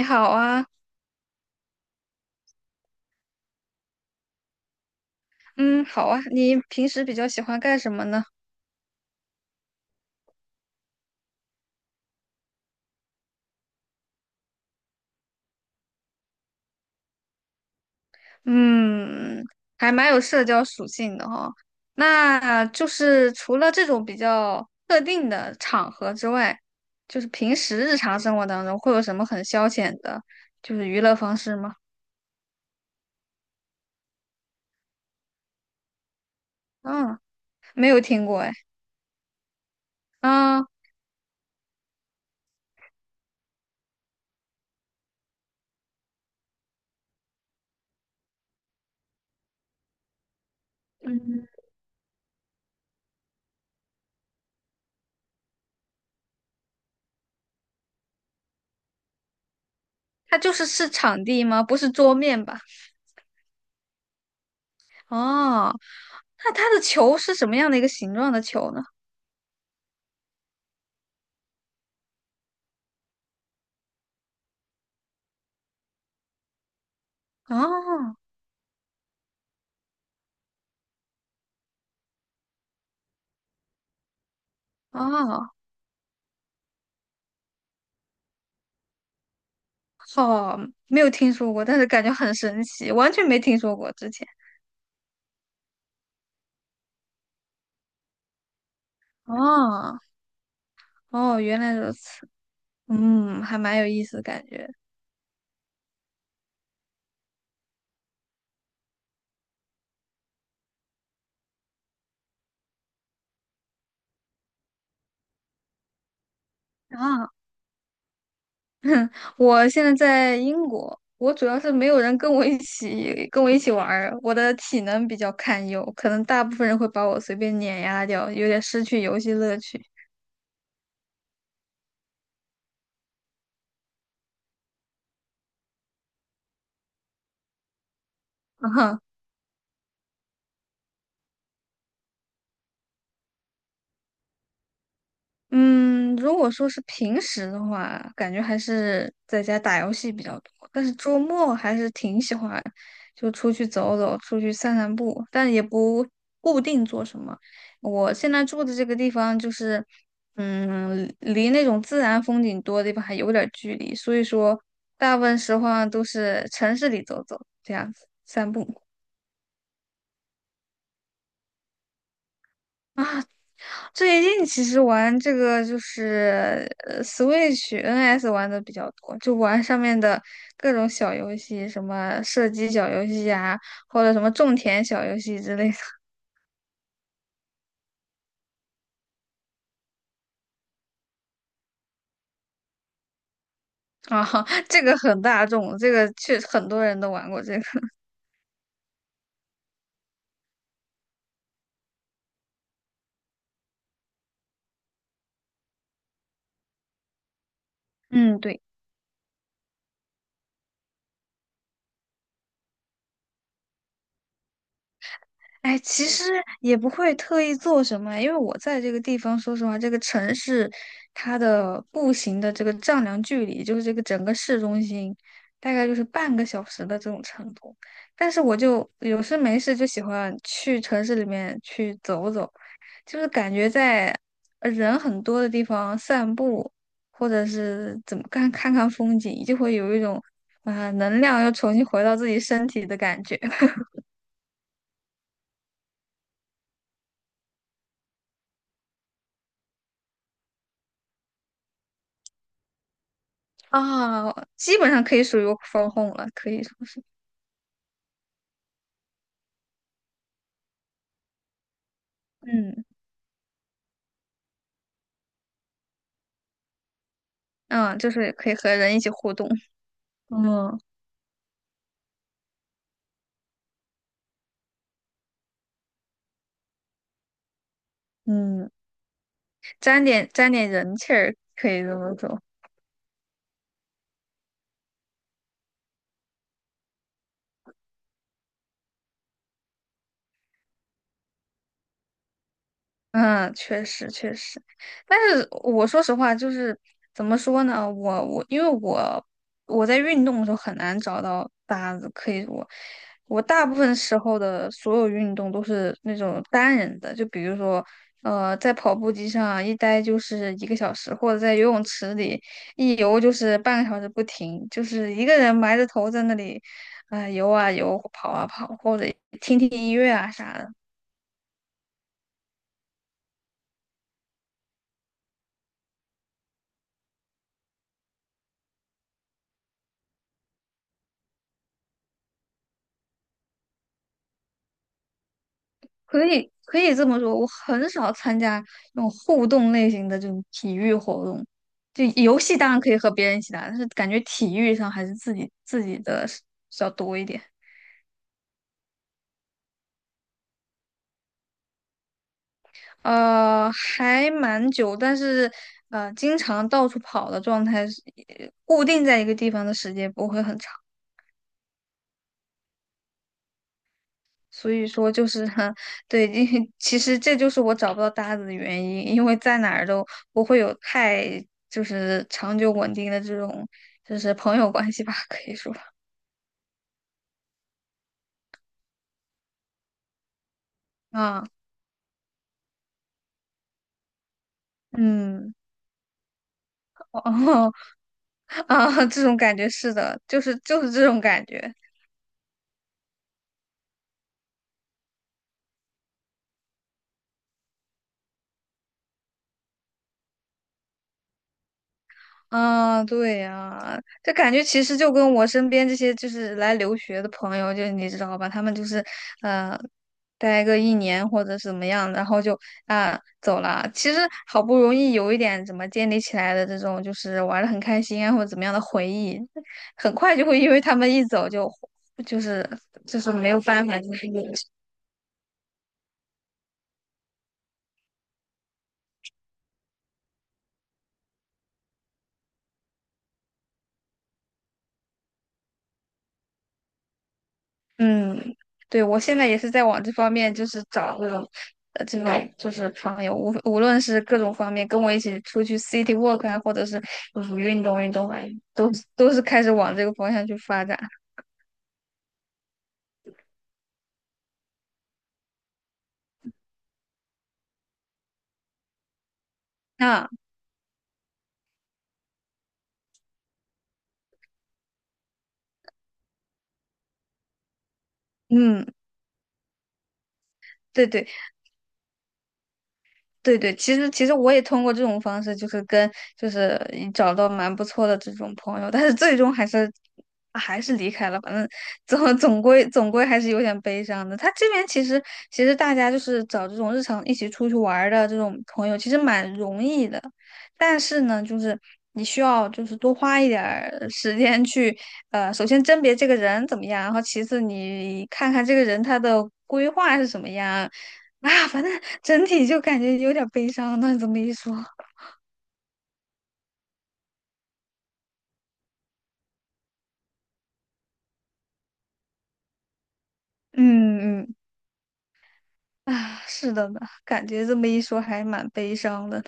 你好啊，嗯，好啊，你平时比较喜欢干什么呢？嗯，还蛮有社交属性的哈、那就是除了这种比较特定的场合之外，就是平时日常生活当中会有什么很消遣的，就是娱乐方式吗？嗯，没有听过哎。啊，嗯，它就是是场地吗？不是桌面吧？哦，那它的球是什么样的一个形状的球呢？哦哦好，没有听说过，但是感觉很神奇，完全没听说过之前。哦哦，原来如此，嗯，还蛮有意思的感觉啊。我现在在英国，我主要是没有人跟我一起玩儿，我的体能比较堪忧，可能大部分人会把我随便碾压掉，有点失去游戏乐趣。嗯，如果说是平时的话，感觉还是在家打游戏比较多，但是周末还是挺喜欢就出去走走，出去散散步，但也不固定做什么。我现在住的这个地方就是，嗯，离那种自然风景多的地方还有点儿距离，所以说大部分时候啊都是城市里走走，这样子散步。最近其实玩这个就是Switch、NS 玩的比较多，就玩上面的各种小游戏，什么射击小游戏啊，或者什么种田小游戏之类的 啊，这个很大众，这个确实很多人都玩过这个。嗯，对。哎，其实也不会特意做什么，因为我在这个地方，说实话，这个城市它的步行的这个丈量距离，就是这个整个市中心，大概就是半个小时的这种程度。但是我就有事没事就喜欢去城市里面去走走，就是感觉在人很多的地方散步，或者是怎么看看风景，就会有一种能量又重新回到自己身体的感觉。啊，基本上可以属于 w o 了，可以说是，嗯嗯，就是可以和人一起互动，嗯嗯，沾点沾点人气儿，可以这么说。嗯，确实确实，但是我说实话，就是怎么说呢？我因为我在运动的时候很难找到搭子，可以我大部分时候的所有运动都是那种单人的，就比如说在跑步机上一待就是一个小时，或者在游泳池里一游就是半个小时不停，就是一个人埋着头在那里游啊游，跑啊跑，或者听听音乐啊啥的。可以可以这么说，我很少参加那种互动类型的这种体育活动。就游戏当然可以和别人一起打，但是感觉体育上还是自己的是比较多一点。还蛮久，但是经常到处跑的状态是，固定在一个地方的时间不会很长。所以说就是哈 对，因为其实这就是我找不到搭子的原因，因为在哪儿都不会有太就是长久稳定的这种就是朋友关系吧，可以说啊，嗯，哦 啊，这种感觉是的，就是这种感觉。啊，对呀，这感觉其实就跟我身边这些就是来留学的朋友，就你知道吧，他们就是呃，待个一年或者是怎么样，然后就走了。其实好不容易有一点怎么建立起来的这种，就是玩的很开心啊或者怎么样的回忆，很快就会因为他们一走就就是就是没有办法，就是嗯，对，我现在也是在往这方面，就是找这种，这种就是朋友，无论是各种方面，跟我一起出去 city walk 啊，或者是就是运动运动啊，都是开始往这个方向去发展。那嗯，对对。对对，其实我也通过这种方式，就是跟就是嗯找到蛮不错的这种朋友，但是最终还是离开了。反正总归还是有点悲伤的。他这边其实大家就是找这种日常一起出去玩儿的这种朋友，其实蛮容易的。但是呢，就是你需要就是多花一点儿时间去首先甄别这个人怎么样，然后其次你看看这个人他的规划是什么样。啊，反正整体就感觉有点悲伤。那你这么一说，嗯嗯啊，是的呢，感觉这么一说还蛮悲伤的呢。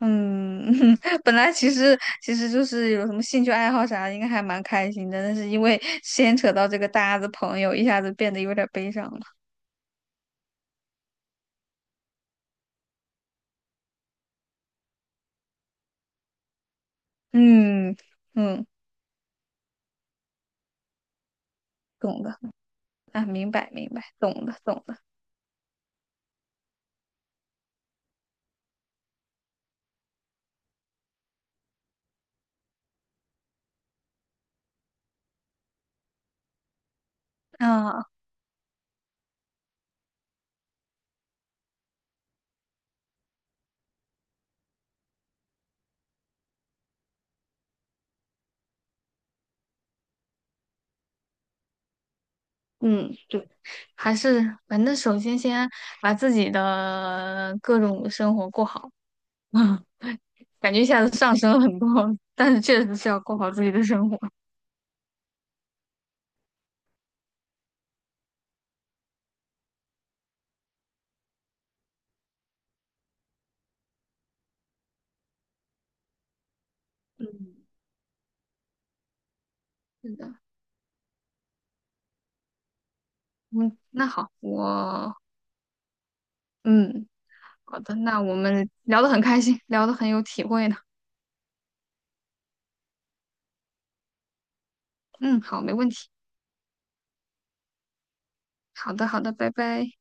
嗯，本来其实就是有什么兴趣爱好啥的，应该还蛮开心的，但是因为牵扯到这个搭子朋友，一下子变得有点悲伤了。嗯嗯，懂的啊，明白明白，懂的懂的啊，嗯，对，还是反正首先先把自己的各种生活过好。感觉一下子上升了很多，但是确实是要过好自己的生活。嗯，是的，嗯，那好，我嗯，好的，那我们聊得很开心，聊得很有体会呢。嗯，好，没问题。好的，好的，拜拜。